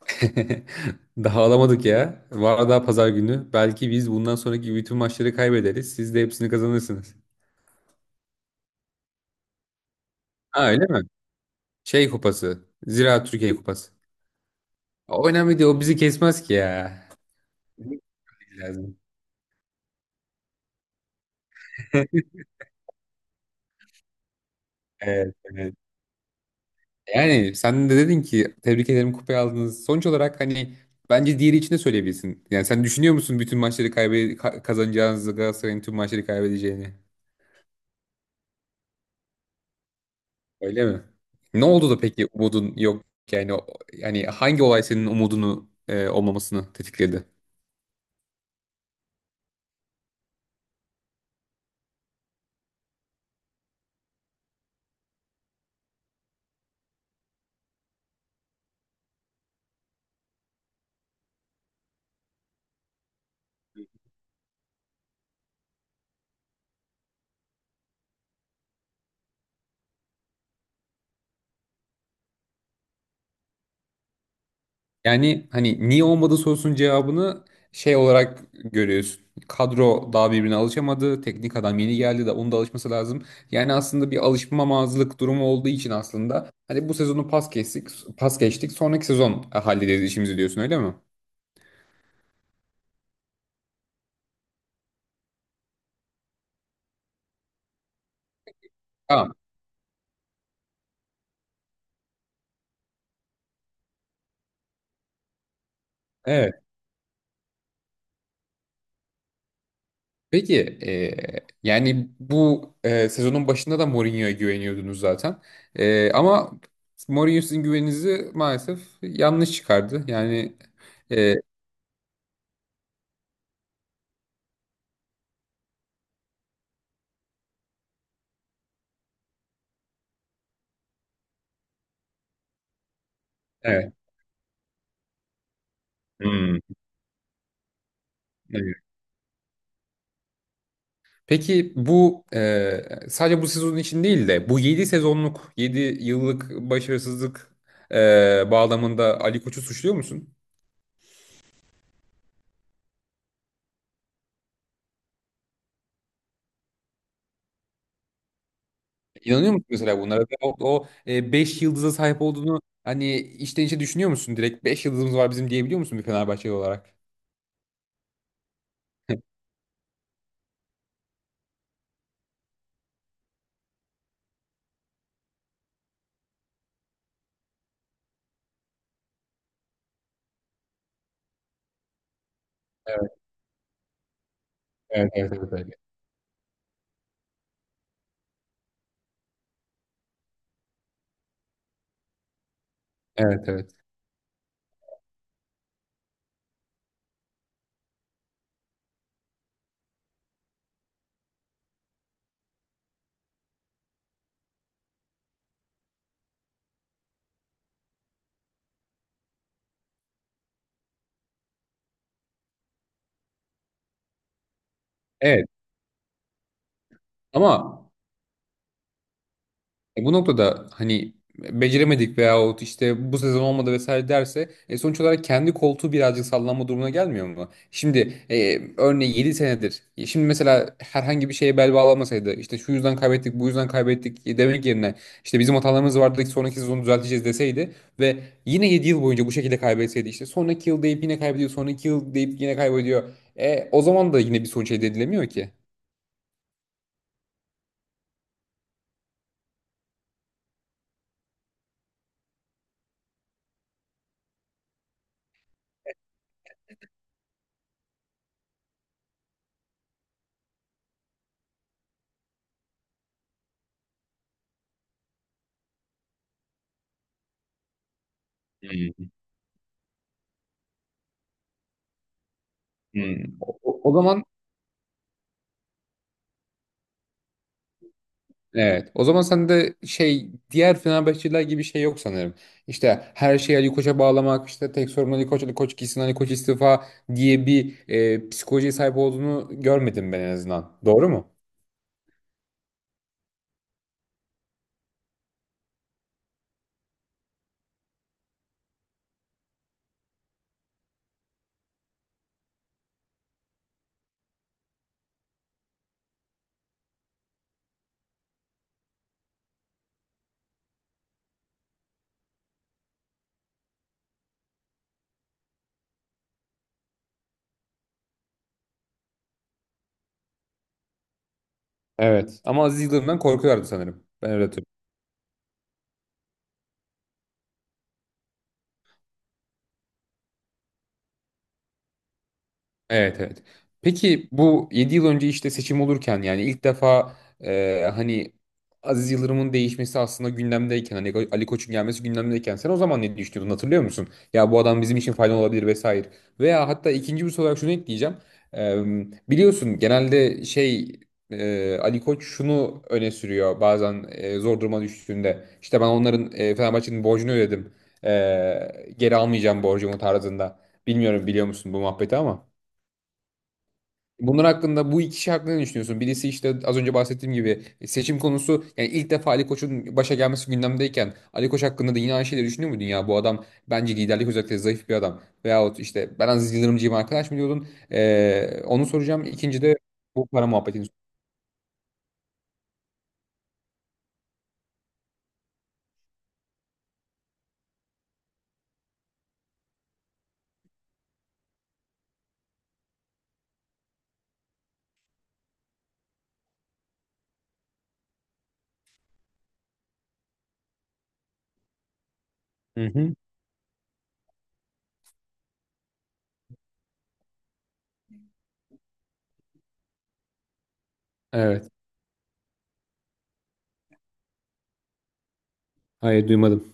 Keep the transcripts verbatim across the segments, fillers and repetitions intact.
Daha alamadık ya. Var daha pazar günü. Belki biz bundan sonraki bütün maçları kaybederiz. Siz de hepsini kazanırsınız. Ha öyle mi? Şey kupası. Ziraat Türkiye Kupası. O önemli değil. O bizi kesmez ki ya. Bilmek lazım. Evet, evet. Yani sen de dedin ki tebrik ederim, kupayı aldınız. Sonuç olarak hani bence diğeri için de söyleyebilirsin. Yani sen düşünüyor musun bütün maçları kaybe ka- kazanacağınızı, Galatasaray'ın tüm maçları kaybedeceğini? Öyle mi? Ne oldu da peki umudun yok? Yani o- yani hangi olay senin umudunu e, olmamasını tetikledi? Yani hani niye olmadı sorusunun cevabını şey olarak görüyorsun. Kadro daha birbirine alışamadı. Teknik adam yeni geldi de onun da alışması lazım. Yani aslında bir alışmamazlık durumu olduğu için aslında hani bu sezonu pas geçtik, pas geçtik. Sonraki sezon hallederiz işimizi diyorsun, öyle mi? Tamam. Evet. Peki e, yani bu e, sezonun başında da Mourinho'ya güveniyordunuz zaten. E, ama Mourinho sizin güveninizi maalesef yanlış çıkardı. Yani e, evet. Hmm, evet. Peki bu e, sadece bu sezon için değil de bu yedi sezonluk yedi yıllık başarısızlık e, bağlamında Ali Koç'u suçluyor musun? İnanıyor musun mesela bunlara? O, o e, beş yıldıza sahip olduğunu hani içten içe düşünüyor musun? Direkt beş yıldızımız var bizim diyebiliyor musun bir Fenerbahçeli olarak? Evet, evet, evet, evet, evet. Evet, evet. Evet. Ama e, bu noktada hani beceremedik veyahut işte bu sezon olmadı vesaire derse e, sonuç olarak kendi koltuğu birazcık sallanma durumuna gelmiyor mu? Şimdi e, örneğin yedi senedir. e, Şimdi mesela herhangi bir şeye bel bağlamasaydı, işte şu yüzden kaybettik, bu yüzden kaybettik e, demek yerine işte bizim hatalarımız vardı ki sonraki sezonu düzelteceğiz deseydi ve yine yedi yıl boyunca bu şekilde kaybetseydi, işte sonraki yıl deyip yine kaybediyor, sonraki yıl deyip yine kaybediyor. E, o zaman da yine bir sonuç elde edilemiyor ki. Hmm. O, o- o zaman evet. O zaman sen de şey, diğer Fenerbahçeliler gibi şey yok sanırım. İşte her şeyi Ali Koç'a bağlamak, işte tek sorun Ali Koç, Ali Koç gitsin, Ali Koç istifa diye bir e, psikolojiye sahip olduğunu görmedim, ben en azından. Doğru mu? Evet. Ama Aziz Yıldırım'dan korkuyorlardı sanırım. Ben öyle hatırlıyorum. Evet, evet. Peki bu yedi yıl önce işte seçim olurken, yani ilk defa e, hani Aziz Yıldırım'ın değişmesi aslında gündemdeyken, hani Ko- Ali Koç'un gelmesi gündemdeyken, sen o zaman ne düşünüyordun, hatırlıyor musun? Ya bu adam bizim için faydalı olabilir vesaire. Veya hatta ikinci bir soru olarak şunu ekleyeceğim. E, Biliyorsun genelde şey, e, Ali Koç şunu öne sürüyor bazen, e, zor duruma düştüğünde. İşte ben onların e, Fenerbahçe'nin borcunu ödedim. E, Geri almayacağım borcumu, tarzında. Bilmiyorum, biliyor musun bu muhabbeti ama. Bunlar hakkında Bu iki şey hakkında ne düşünüyorsun? Birisi işte az önce bahsettiğim gibi seçim konusu, yani ilk defa Ali Koç'un başa gelmesi gündemdeyken Ali Koç hakkında da yine aynı şeyleri düşünüyor muydun ya? Bu adam bence liderlik özellikle zayıf bir adam. Veyahut işte, ben Aziz Yıldırımcıyım arkadaş, mı diyordun? Ee, onu soracağım. İkinci de bu para muhabbetini soracağım. Hı hı. Evet. Hayır, duymadım.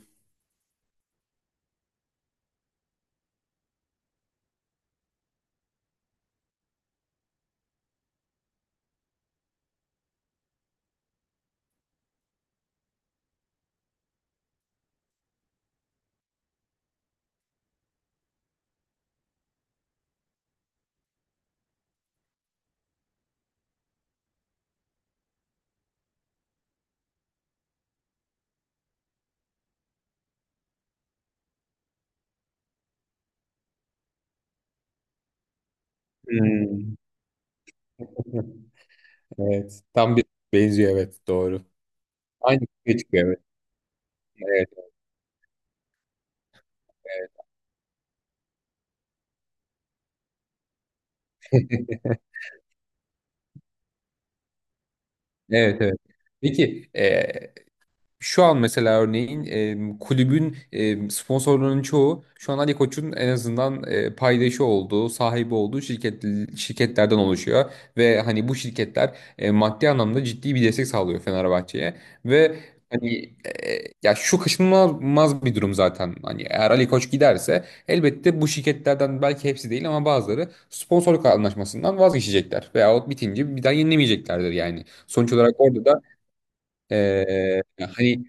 Hmm. Evet. Tam bir benziyor, evet, doğru. Aynı şey çıkıyor, evet. Evet. Evet. Evet, evet. Peki e, şu an mesela örneğin e, kulübün e, sponsorlarının çoğu şu an Ali Koç'un en azından e, paydaşı olduğu, sahibi olduğu şirket şirketlerden oluşuyor ve hani bu şirketler e, maddi anlamda ciddi bir destek sağlıyor Fenerbahçe'ye ve hani e, ya şu kaçınılmaz bir durum zaten. Hani eğer Ali Koç giderse elbette bu şirketlerden belki hepsi değil ama bazıları sponsorluk anlaşmasından vazgeçecekler veyahut bitince bir daha yenilemeyeceklerdir yani. Sonuç olarak orada da ee, hani.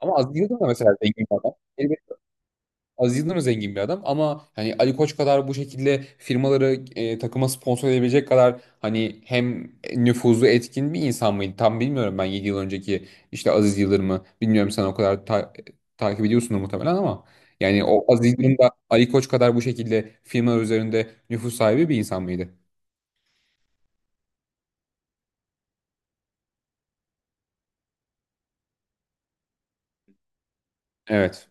Ama Aziz Yıldırım da mesela zengin bir adam. Elbette Aziz Yıldırım da zengin bir adam, ama hani Ali Koç kadar bu şekilde firmaları e, takıma sponsor edebilecek kadar, hani hem nüfuzu etkin bir insan mıydı? Tam bilmiyorum, ben yedi yıl önceki işte Aziz Yıldırım'ı bilmiyorum, sen o kadar ta- takip ediyorsun muhtemelen ama, yani o Aziz Yıldırım da Ali Koç kadar bu şekilde firmalar üzerinde nüfus sahibi bir insan mıydı? Evet.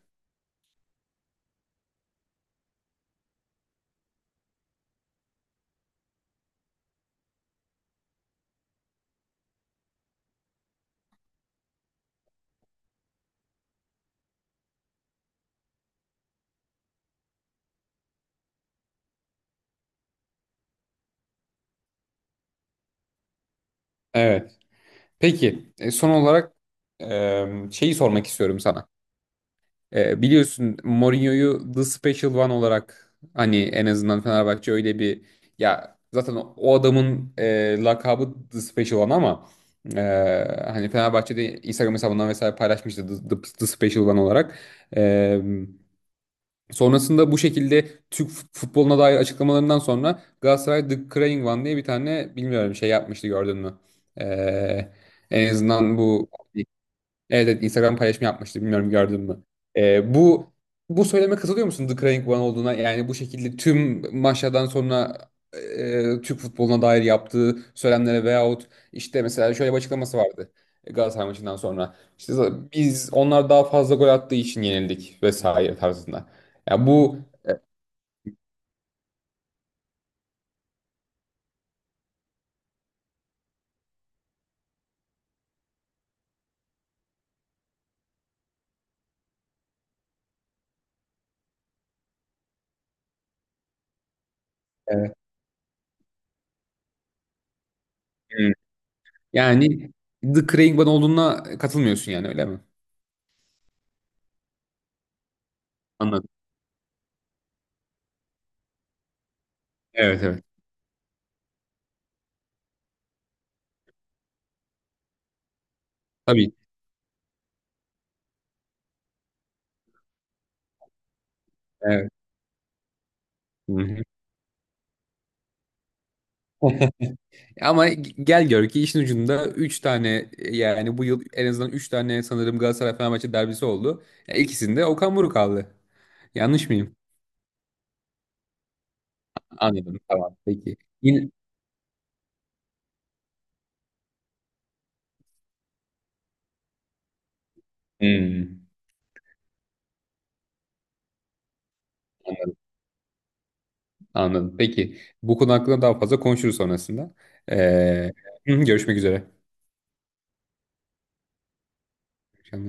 Evet. Peki e, son olarak e, şeyi sormak istiyorum sana. E, biliyorsun, Mourinho'yu The Special One olarak, hani en azından Fenerbahçe öyle bir, ya zaten o o adamın e, lakabı The Special One ama, e, hani Fenerbahçe'de Instagram hesabından vesaire paylaşmıştı The, The- The Special One olarak. E, Sonrasında bu şekilde Türk fut- futboluna dair açıklamalarından sonra Galatasaray The Crying One diye bir tane bilmiyorum şey yapmıştı, gördün mü? E, En azından bu. Evet, evet, Instagram paylaşımı yapmıştı. Bilmiyorum, gördün mü? Ee, bu bu söyleme katılıyor musun, The Crying One olduğuna? Yani bu şekilde tüm maçlardan sonra e, Türk futboluna dair yaptığı söylemlere veyahut işte mesela şöyle bir açıklaması vardı e, Galatasaray maçından sonra. İşte za- biz onlar daha fazla gol attığı için yenildik vesaire tarzında. Ya bu. Evet. Hı. Yani The Crying One olduğuna katılmıyorsun yani, öyle mi? Anladım. Evet, evet. Tabii. Evet. Hı hı. Ama gel gör ki işin ucunda üç tane, e, yani bu yıl en azından üç tane sanırım Galatasaray Fenerbahçe derbisi oldu. Ya, İkisinde Okan Buruk aldı. Yanlış mıyım? Anladım. Tamam. Peki. Yine... Hmm, anladım. Peki. Bu konu hakkında daha fazla konuşuruz sonrasında. Ee, Görüşmek üzere.